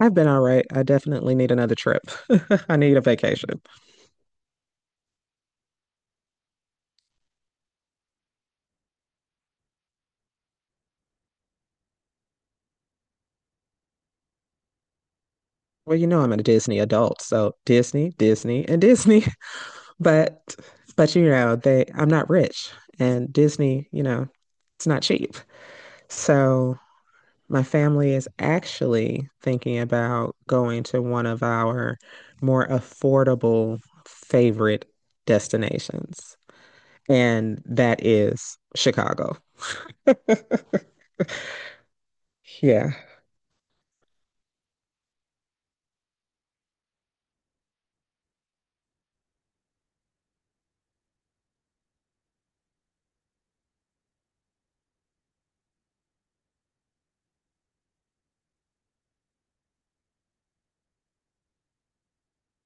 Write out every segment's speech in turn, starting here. I've been all right. I definitely need another trip. I need a vacation. Well, you know I'm a Disney adult, so Disney, Disney, and Disney. But but you know, they I'm not rich and Disney, you know, it's not cheap. So my family is actually thinking about going to one of our more affordable favorite destinations, and that is Chicago. Yeah,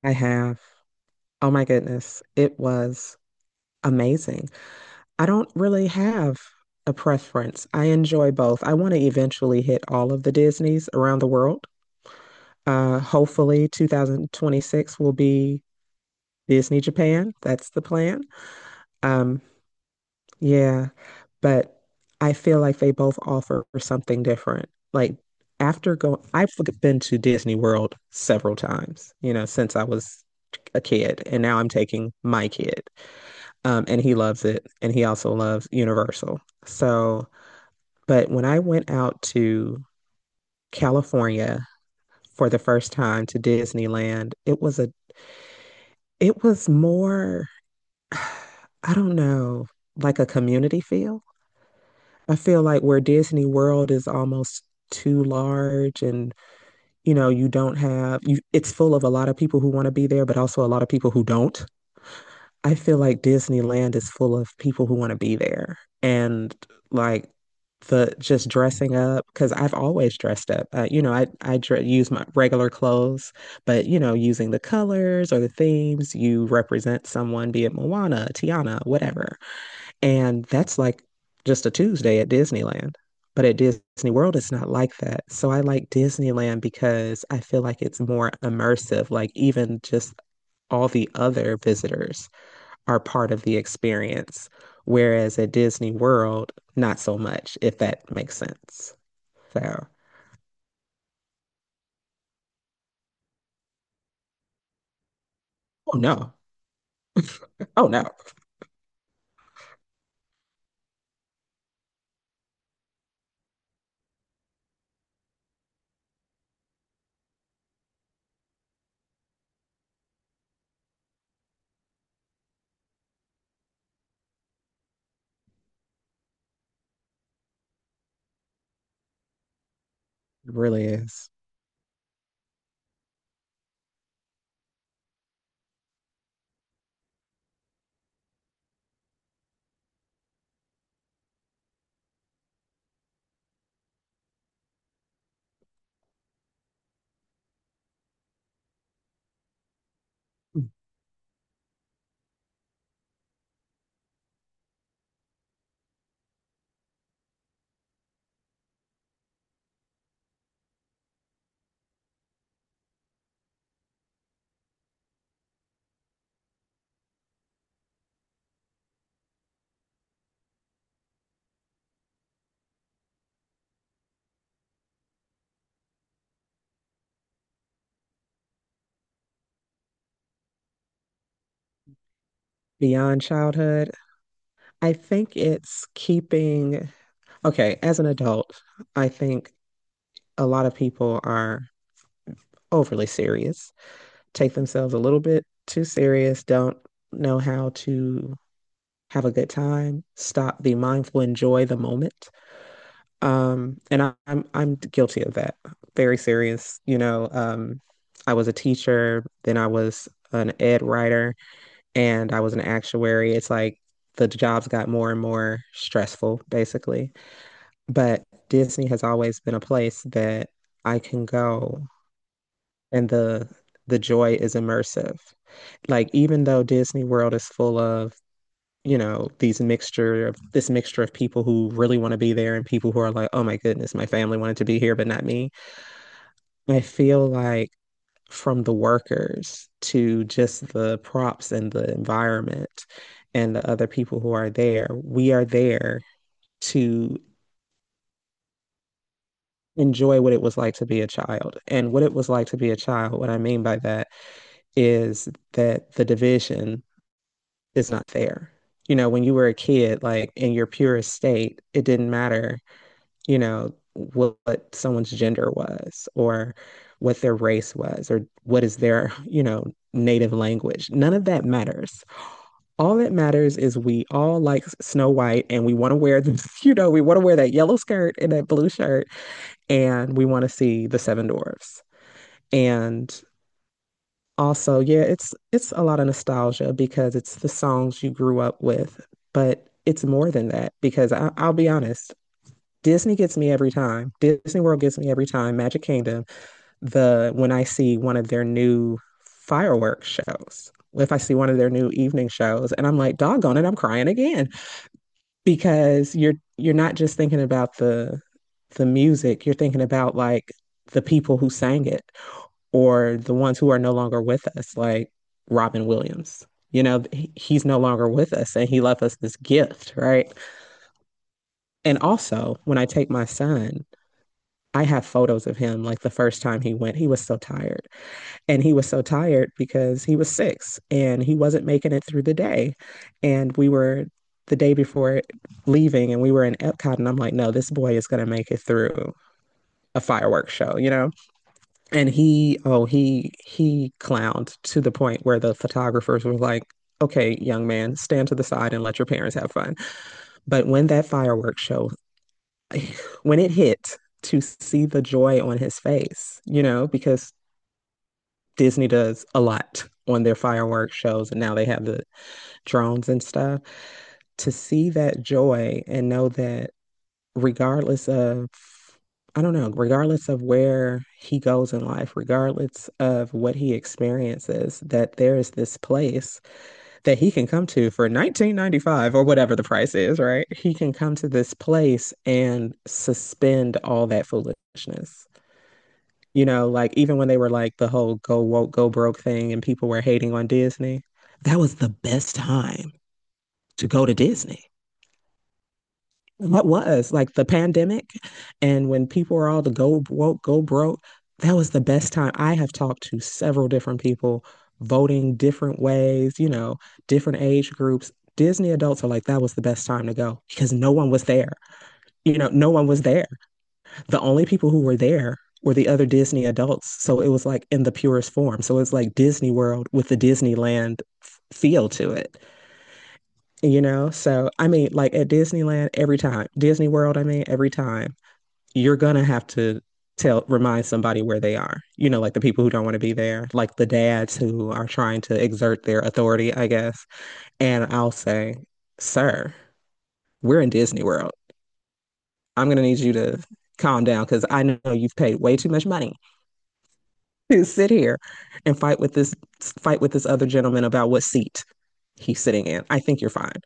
I have. Oh my goodness, it was amazing. I don't really have a preference. I enjoy both. I want to eventually hit all of the Disneys around the world. Hopefully, 2026 will be Disney Japan. That's the plan. Um, yeah, but I feel like they both offer something different. Like after going, I've been to Disney World several times, you know, since I was a kid, and now I'm taking my kid. And he loves it. And he also loves Universal. So, but when I went out to California for the first time to Disneyland, it was more, I don't know, like a community feel. I feel like where Disney World is almost too large and, you know, you don't have, you, it's full of a lot of people who want to be there, but also a lot of people who don't. I feel like Disneyland is full of people who want to be there and like the just dressing up because I've always dressed up. You know, I dre use my regular clothes, but you know, using the colors or the themes, you represent someone, be it Moana, Tiana, whatever. And that's like just a Tuesday at Disneyland. But at Disney World, it's not like that. So I like Disneyland because I feel like it's more immersive, like even just all the other visitors are part of the experience. Whereas at Disney World, not so much, if that makes sense. So, oh no, oh no, it really is. Mm. Beyond childhood, I think it's keeping, okay, as an adult, I think a lot of people are overly serious. Take themselves a little bit too serious, don't know how to have a good time, stop, be mindful, enjoy the moment. And I'm guilty of that. Very serious, you know. I was a teacher, then I was an ed writer, and I was an actuary. It's like the jobs got more and more stressful, basically. But Disney has always been a place that I can go, and the joy is immersive. Like even though Disney World is full of, you know, these mixture of this mixture of people who really want to be there and people who are like, oh my goodness, my family wanted to be here, but not me. I feel like from the workers to just the props and the environment and the other people who are there, we are there to enjoy what it was like to be a child. And what it was like to be a child, what I mean by that is that the division is not fair. You know, when you were a kid, like in your purest state, it didn't matter, you know, what someone's gender was or what their race was or what is their, you know, native language. None of that matters. All that matters is we all like Snow White and we want to wear the, you know, we want to wear that yellow skirt and that blue shirt and we want to see the seven dwarfs. And also, yeah, it's a lot of nostalgia because it's the songs you grew up with, but it's more than that because I'll be honest, Disney gets me every time. Disney World gets me every time. Magic Kingdom, the when I see one of their new fireworks shows, if I see one of their new evening shows, and I'm like, doggone it, I'm crying again because you're not just thinking about the music, you're thinking about like the people who sang it or the ones who are no longer with us, like Robin Williams. You know, he's no longer with us and he left us this gift, right? And also, when I take my son, I have photos of him like the first time he went, he was so tired. And he was so tired because he was six and he wasn't making it through the day. And we were the day before leaving and we were in Epcot. And I'm like, no, this boy is going to make it through a fireworks show, you know? And he oh he clowned to the point where the photographers were like, okay, young man, stand to the side and let your parents have fun. But when that fireworks show, when it hit, to see the joy on his face, you know, because Disney does a lot on their fireworks shows, and now they have the drones and stuff, to see that joy and know that regardless of, I don't know, regardless of where he goes in life, regardless of what he experiences, that there is this place that he can come to for 1995 or whatever the price is, right? He can come to this place and suspend all that foolishness. You know, like even when they were like the whole go woke, go broke thing and people were hating on Disney, that was the best time to go to Disney. That was like the pandemic. And when people were all the go woke, go broke, that was the best time. I have talked to several different people voting different ways, you know, different age groups. Disney adults are like, that was the best time to go because no one was there. You know, no one was there. The only people who were there were the other Disney adults. So it was like in the purest form. So it's like Disney World with the Disneyland feel to it, you know. So I mean, like at Disneyland every time, Disney World, I mean, every time you're gonna have to tell remind somebody where they are. You know, like the people who don't want to be there, like the dads who are trying to exert their authority, I guess. And I'll say, "Sir, we're in Disney World. I'm gonna need you to calm down because I know you've paid way too much money to sit here and fight with this other gentleman about what seat he's sitting in. I think you're fine."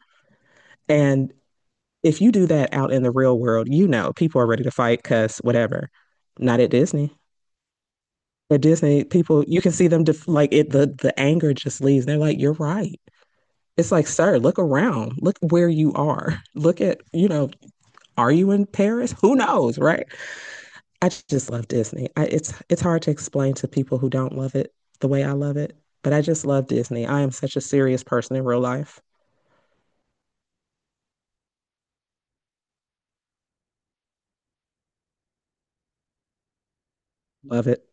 And if you do that out in the real world, you know people are ready to fight because whatever. Not at Disney. At Disney, people you can see them def like it the anger just leaves. They're like, "You're right." It's like, "Sir, look around. Look where you are. Look at, you know, are you in Paris? Who knows, right?" I just love Disney. It's hard to explain to people who don't love it the way I love it, but I just love Disney. I am such a serious person in real life. Love it.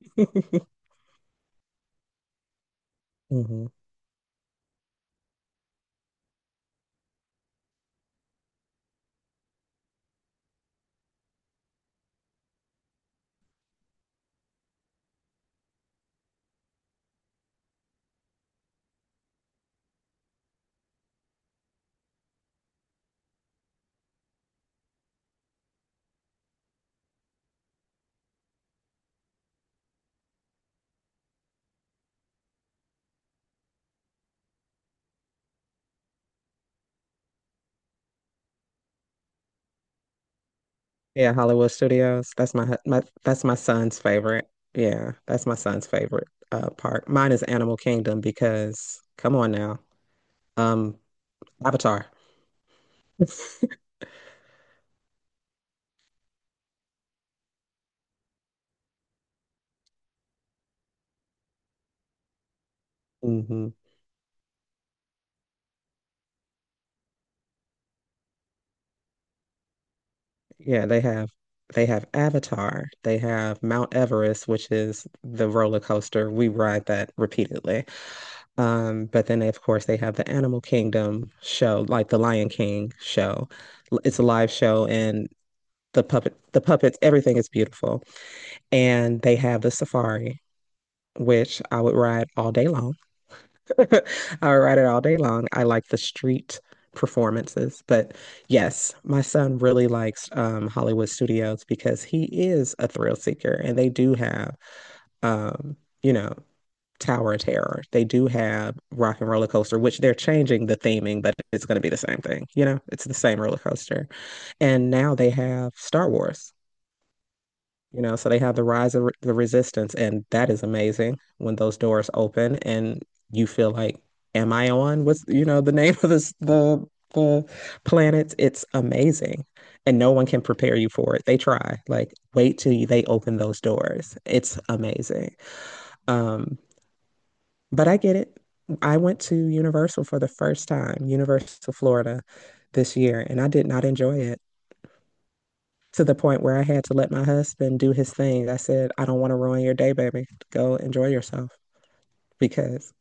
Hmm. Yeah, Hollywood Studios. That's my that's my son's favorite. Yeah, that's my son's favorite park. Mine is Animal Kingdom because come on now. Um, Avatar. Hmm Yeah, they have Avatar, they have Mount Everest, which is the roller coaster. We ride that repeatedly. But then they, of course they have the Animal Kingdom show, like the Lion King show. L- It's a live show and the puppets, everything is beautiful. And they have the safari, which I would ride all day long. I ride it all day long. I like the street performances, but yes, my son really likes Hollywood Studios because he is a thrill seeker, and they do have, um, you know, Tower of Terror. They do have Rock and Roller Coaster, which they're changing the theming, but it's going to be the same thing. You know, it's the same roller coaster, and now they have Star Wars. You know, so they have the rise of the resistance, and that is amazing when those doors open and you feel like, am I on? What's, you know, the name of this, the planet? It's amazing. And no one can prepare you for it. They try. Like, wait till you, they open those doors. It's amazing. Um, but I get it. I went to Universal for the first time, Universal Florida this year, and I did not enjoy it to the point where I had to let my husband do his thing. I said, I don't want to ruin your day, baby. Go enjoy yourself because.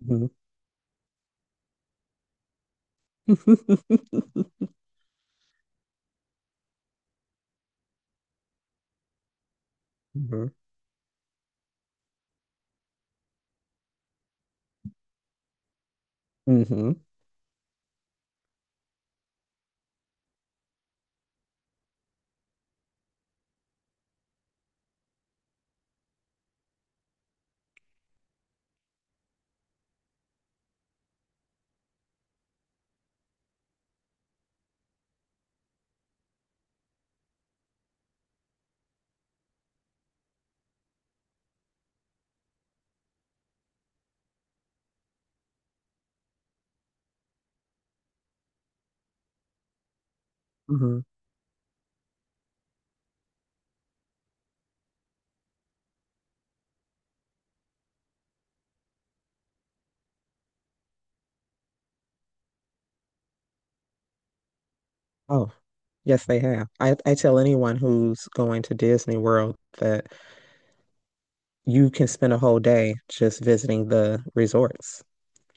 Mhm. Mhm. Mhm. Mhm. Oh, yes, they have. I tell anyone who's going to Disney World that you can spend a whole day just visiting the resorts,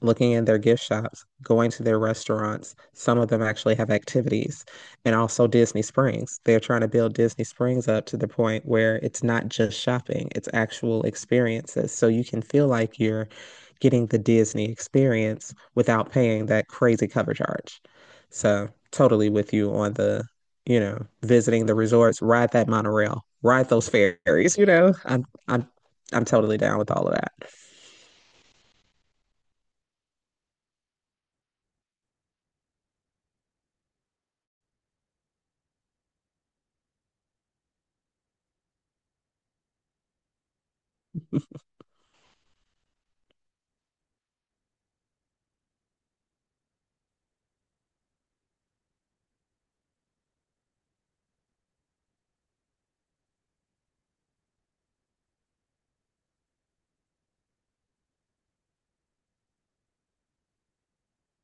looking in their gift shops, going to their restaurants. Some of them actually have activities, and also Disney Springs. They're trying to build Disney Springs up to the point where it's not just shopping, it's actual experiences. So you can feel like you're getting the Disney experience without paying that crazy cover charge. So, totally with you on the, you know, visiting the resorts, ride that monorail, ride those ferries, you know. I'm totally down with all of that.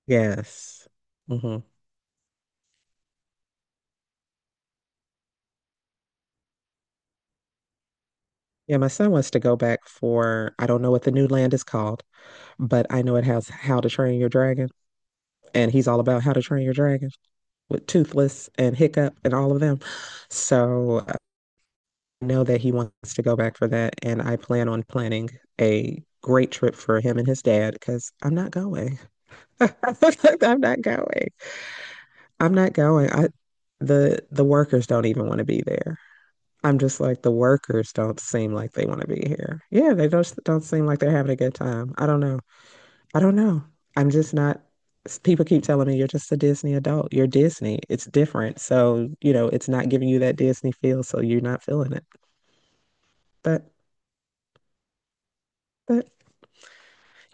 Yes. Hmm. Yeah, my son wants to go back for, I don't know what the new land is called, but I know it has How to Train Your Dragon. And he's all about How to Train Your Dragon with Toothless and Hiccup and all of them. So I know that he wants to go back for that. And I plan on planning a great trip for him and his dad because I'm not going. I'm not going. I'm not going. The workers don't even want to be there. I'm just like the workers don't seem like they want to be here. Yeah, they don't seem like they're having a good time. I don't know. I don't know. I'm just not. People keep telling me you're just a Disney adult. You're Disney. It's different. So, you know, it's not giving you that Disney feel, so you're not feeling it. But but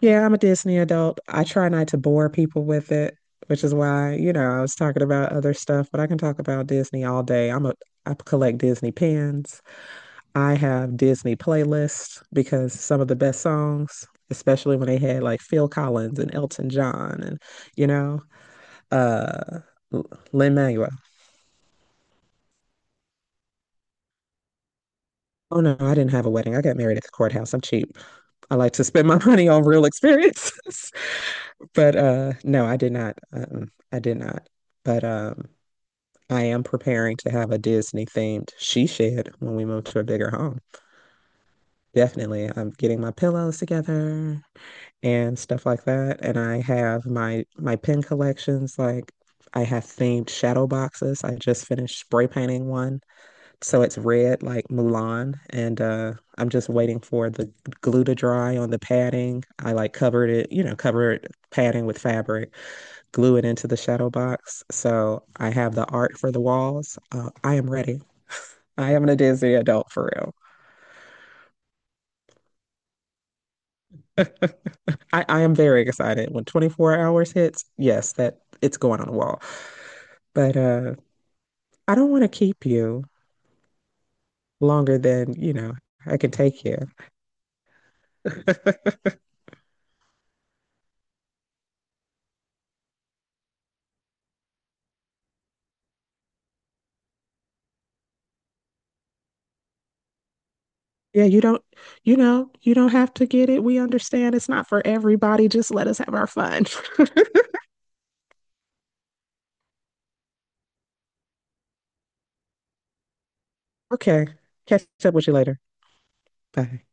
yeah, I'm a Disney adult. I try not to bore people with it, which is why, you know, I was talking about other stuff, but I can talk about Disney all day. I collect Disney pins. I have Disney playlists because some of the best songs, especially when they had like Phil Collins and Elton John and, you know, uh Lin-Manuel. Oh no, I didn't have a wedding. I got married at the courthouse. I'm cheap. I like to spend my money on real experiences. But no, I did not. I did not. But I am preparing to have a Disney themed she shed when we move to a bigger home. Definitely. I'm getting my pillows together and stuff like that. And I have my pen collections. Like I have themed shadow boxes. I just finished spray painting one, so it's red like Mulan. And I'm just waiting for the glue to dry on the padding. I like covered it, you know, covered padding with fabric, glue it into the shadow box. So I have the art for the walls. I am ready. I am a Disney adult for real. I am very excited when 24 hours hits. Yes, that it's going on the wall. But I don't want to keep you longer than, you know, I can take you. Yeah, you don't, you know, you don't have to get it. We understand it's not for everybody. Just let us have our fun. Okay. Catch up with you later. Bye.